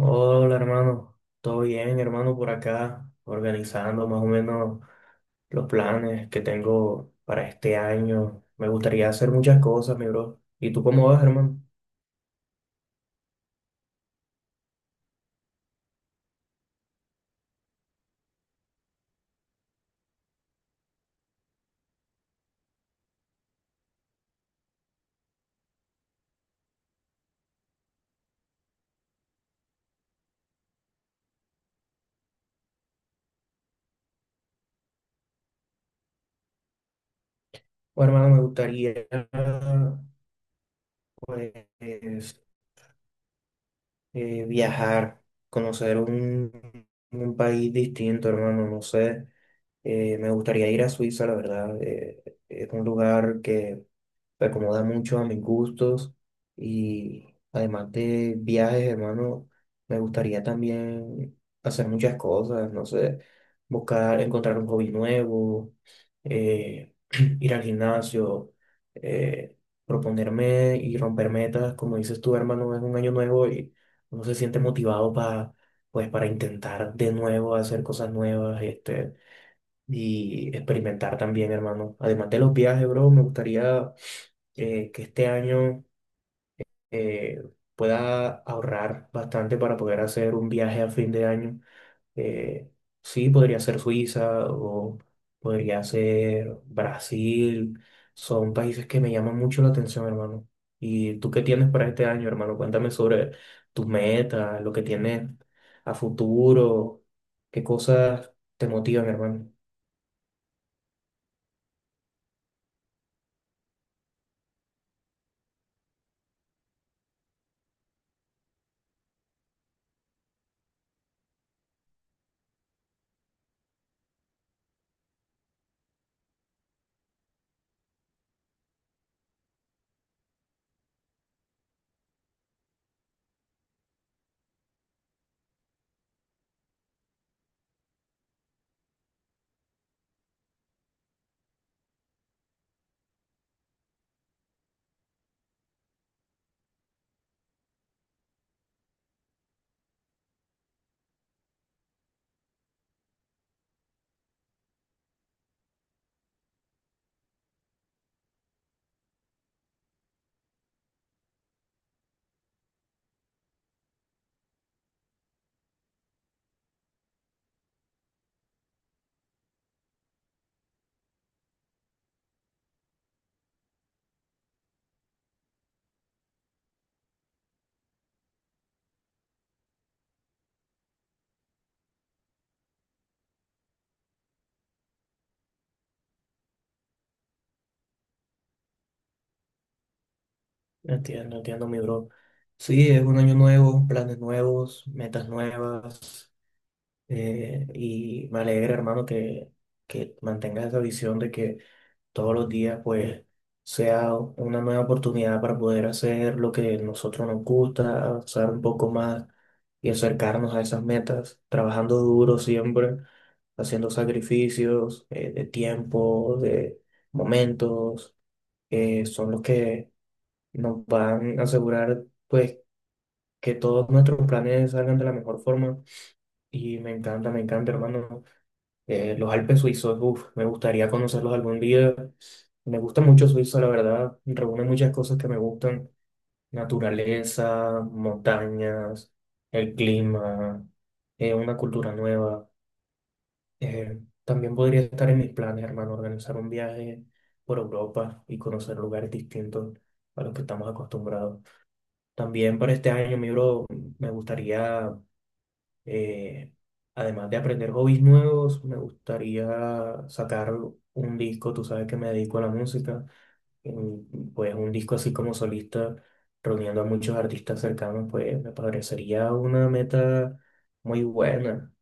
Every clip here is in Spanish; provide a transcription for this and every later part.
Hola hermano, todo bien hermano por acá, organizando más o menos los planes que tengo para este año. Me gustaría hacer muchas cosas, mi bro. ¿Y tú cómo vas, hermano? Oh, hermano, me gustaría pues viajar, conocer un país distinto, hermano, no sé. Me gustaría ir a Suiza, la verdad. Es un lugar que se acomoda mucho a mis gustos y además de viajes, hermano, me gustaría también hacer muchas cosas, no sé, buscar, encontrar un hobby nuevo, eh, ir al gimnasio, eh, proponerme y romper metas, como dices tú, hermano, es un año nuevo y uno se siente motivado para, pues, para intentar de nuevo hacer cosas nuevas, este, y experimentar también, hermano. Además de los viajes, bro, me gustaría que este año eh, pueda ahorrar bastante para poder hacer un viaje a fin de año. Eh, sí, podría ser Suiza o podría ser Brasil. Son países que me llaman mucho la atención, hermano. ¿Y tú qué tienes para este año, hermano? Cuéntame sobre tus metas, lo que tienes a futuro, qué cosas te motivan, hermano. Entiendo, entiendo, mi bro. Sí, es un año nuevo, planes nuevos, metas nuevas. Y me alegra, hermano, que mantengas esa visión de que todos los días, pues, sea una nueva oportunidad para poder hacer lo que nosotros nos gusta, avanzar un poco más y acercarnos a esas metas, trabajando duro siempre, haciendo sacrificios, de tiempo, de momentos, que son los que nos van a asegurar pues que todos nuestros planes salgan de la mejor forma y me encanta hermano. Los Alpes suizos, uf, me gustaría conocerlos algún día. Me gusta mucho Suiza, la verdad, reúne muchas cosas que me gustan, naturaleza, montañas, el clima, una cultura nueva. También podría estar en mis planes, hermano, organizar un viaje por Europa y conocer lugares distintos a los que estamos acostumbrados. También para este año, mi bro, me gustaría, eh, además de aprender hobbies nuevos, me gustaría sacar un disco, tú sabes que me dedico a la música, mm, pues un disco así como solista, reuniendo a muchos artistas cercanos, pues me parecería una meta muy buena.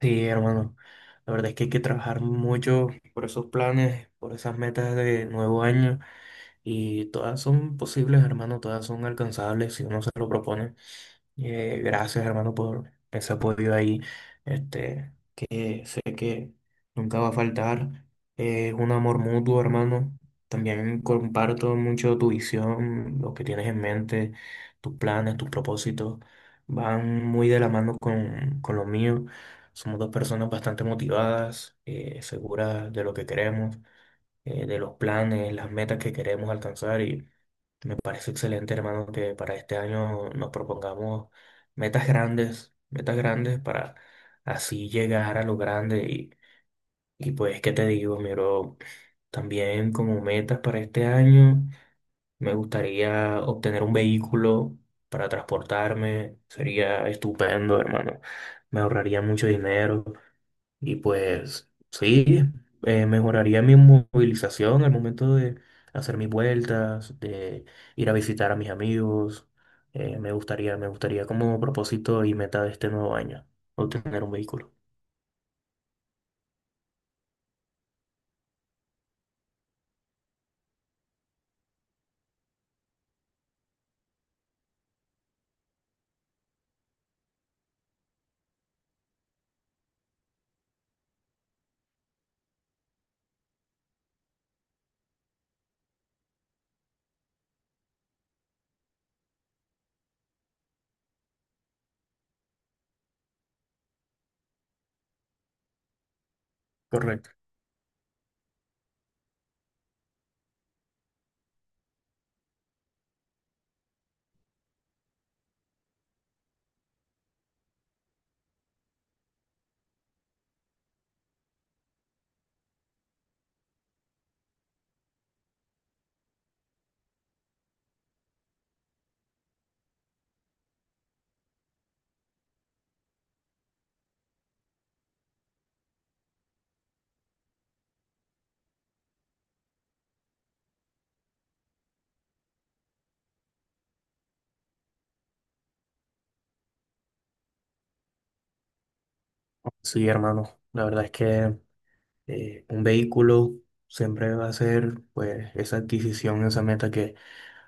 Sí, hermano, la verdad es que hay que trabajar mucho por esos planes, por esas metas de nuevo año, y todas son posibles, hermano, todas son alcanzables si uno se lo propone. Gracias, hermano, por ese apoyo ahí, este, que sé que nunca va a faltar. Es un amor mutuo, hermano. También comparto mucho tu visión, lo que tienes en mente, tus planes, tus propósitos. Van muy de la mano con lo mío. Somos dos personas bastante motivadas, seguras de lo que queremos, de los planes, las metas que queremos alcanzar. Me parece excelente, hermano, que para este año nos propongamos metas grandes para así llegar a lo grande. Y pues, ¿qué te digo, mi bro? También como metas para este año, me gustaría obtener un vehículo para transportarme. Sería estupendo, hermano. Me ahorraría mucho dinero. Y pues sí, mejoraría mi movilización al momento de hacer mis vueltas, de ir a visitar a mis amigos. Me gustaría, me gustaría como propósito y meta de este nuevo año, obtener un vehículo. Correcto. Sí, hermano, la verdad es que un vehículo siempre va a ser pues esa adquisición, esa meta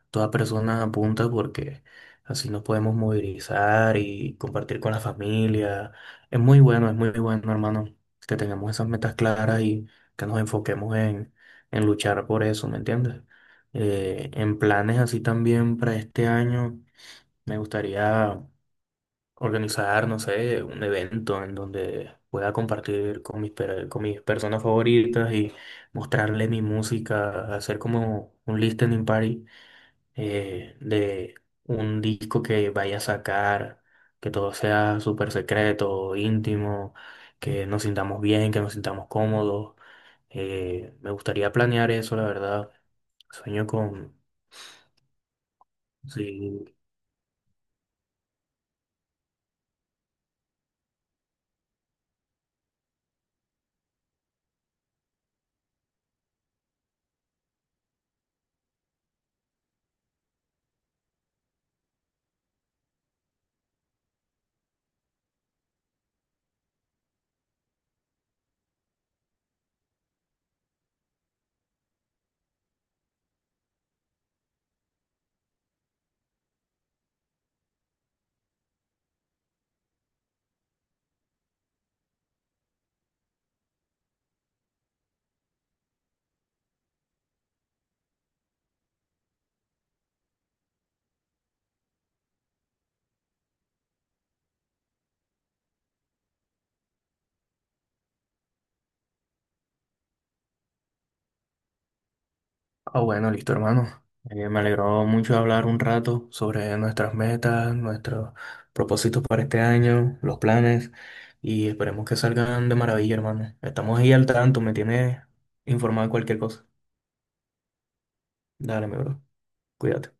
toda persona apunta porque así nos podemos movilizar y compartir con la familia. Es muy bueno, hermano, que tengamos esas metas claras y que nos enfoquemos en luchar por eso, ¿me entiendes? En planes así también para este año, me gustaría organizar, no sé, un evento en donde pueda compartir con mis, per- con mis personas favoritas y mostrarle mi música, hacer como un listening party, de un disco que vaya a sacar, que todo sea súper secreto, íntimo, que nos sintamos bien, que nos sintamos cómodos. Me gustaría planear eso, la verdad. Sueño con... Sí. Ah, bueno, listo, hermano. Me alegró mucho hablar un rato sobre nuestras metas, nuestros propósitos para este año, los planes, y esperemos que salgan de maravilla, hermano. Estamos ahí al tanto, me tienes informado de cualquier cosa. Dale, mi bro. Cuídate.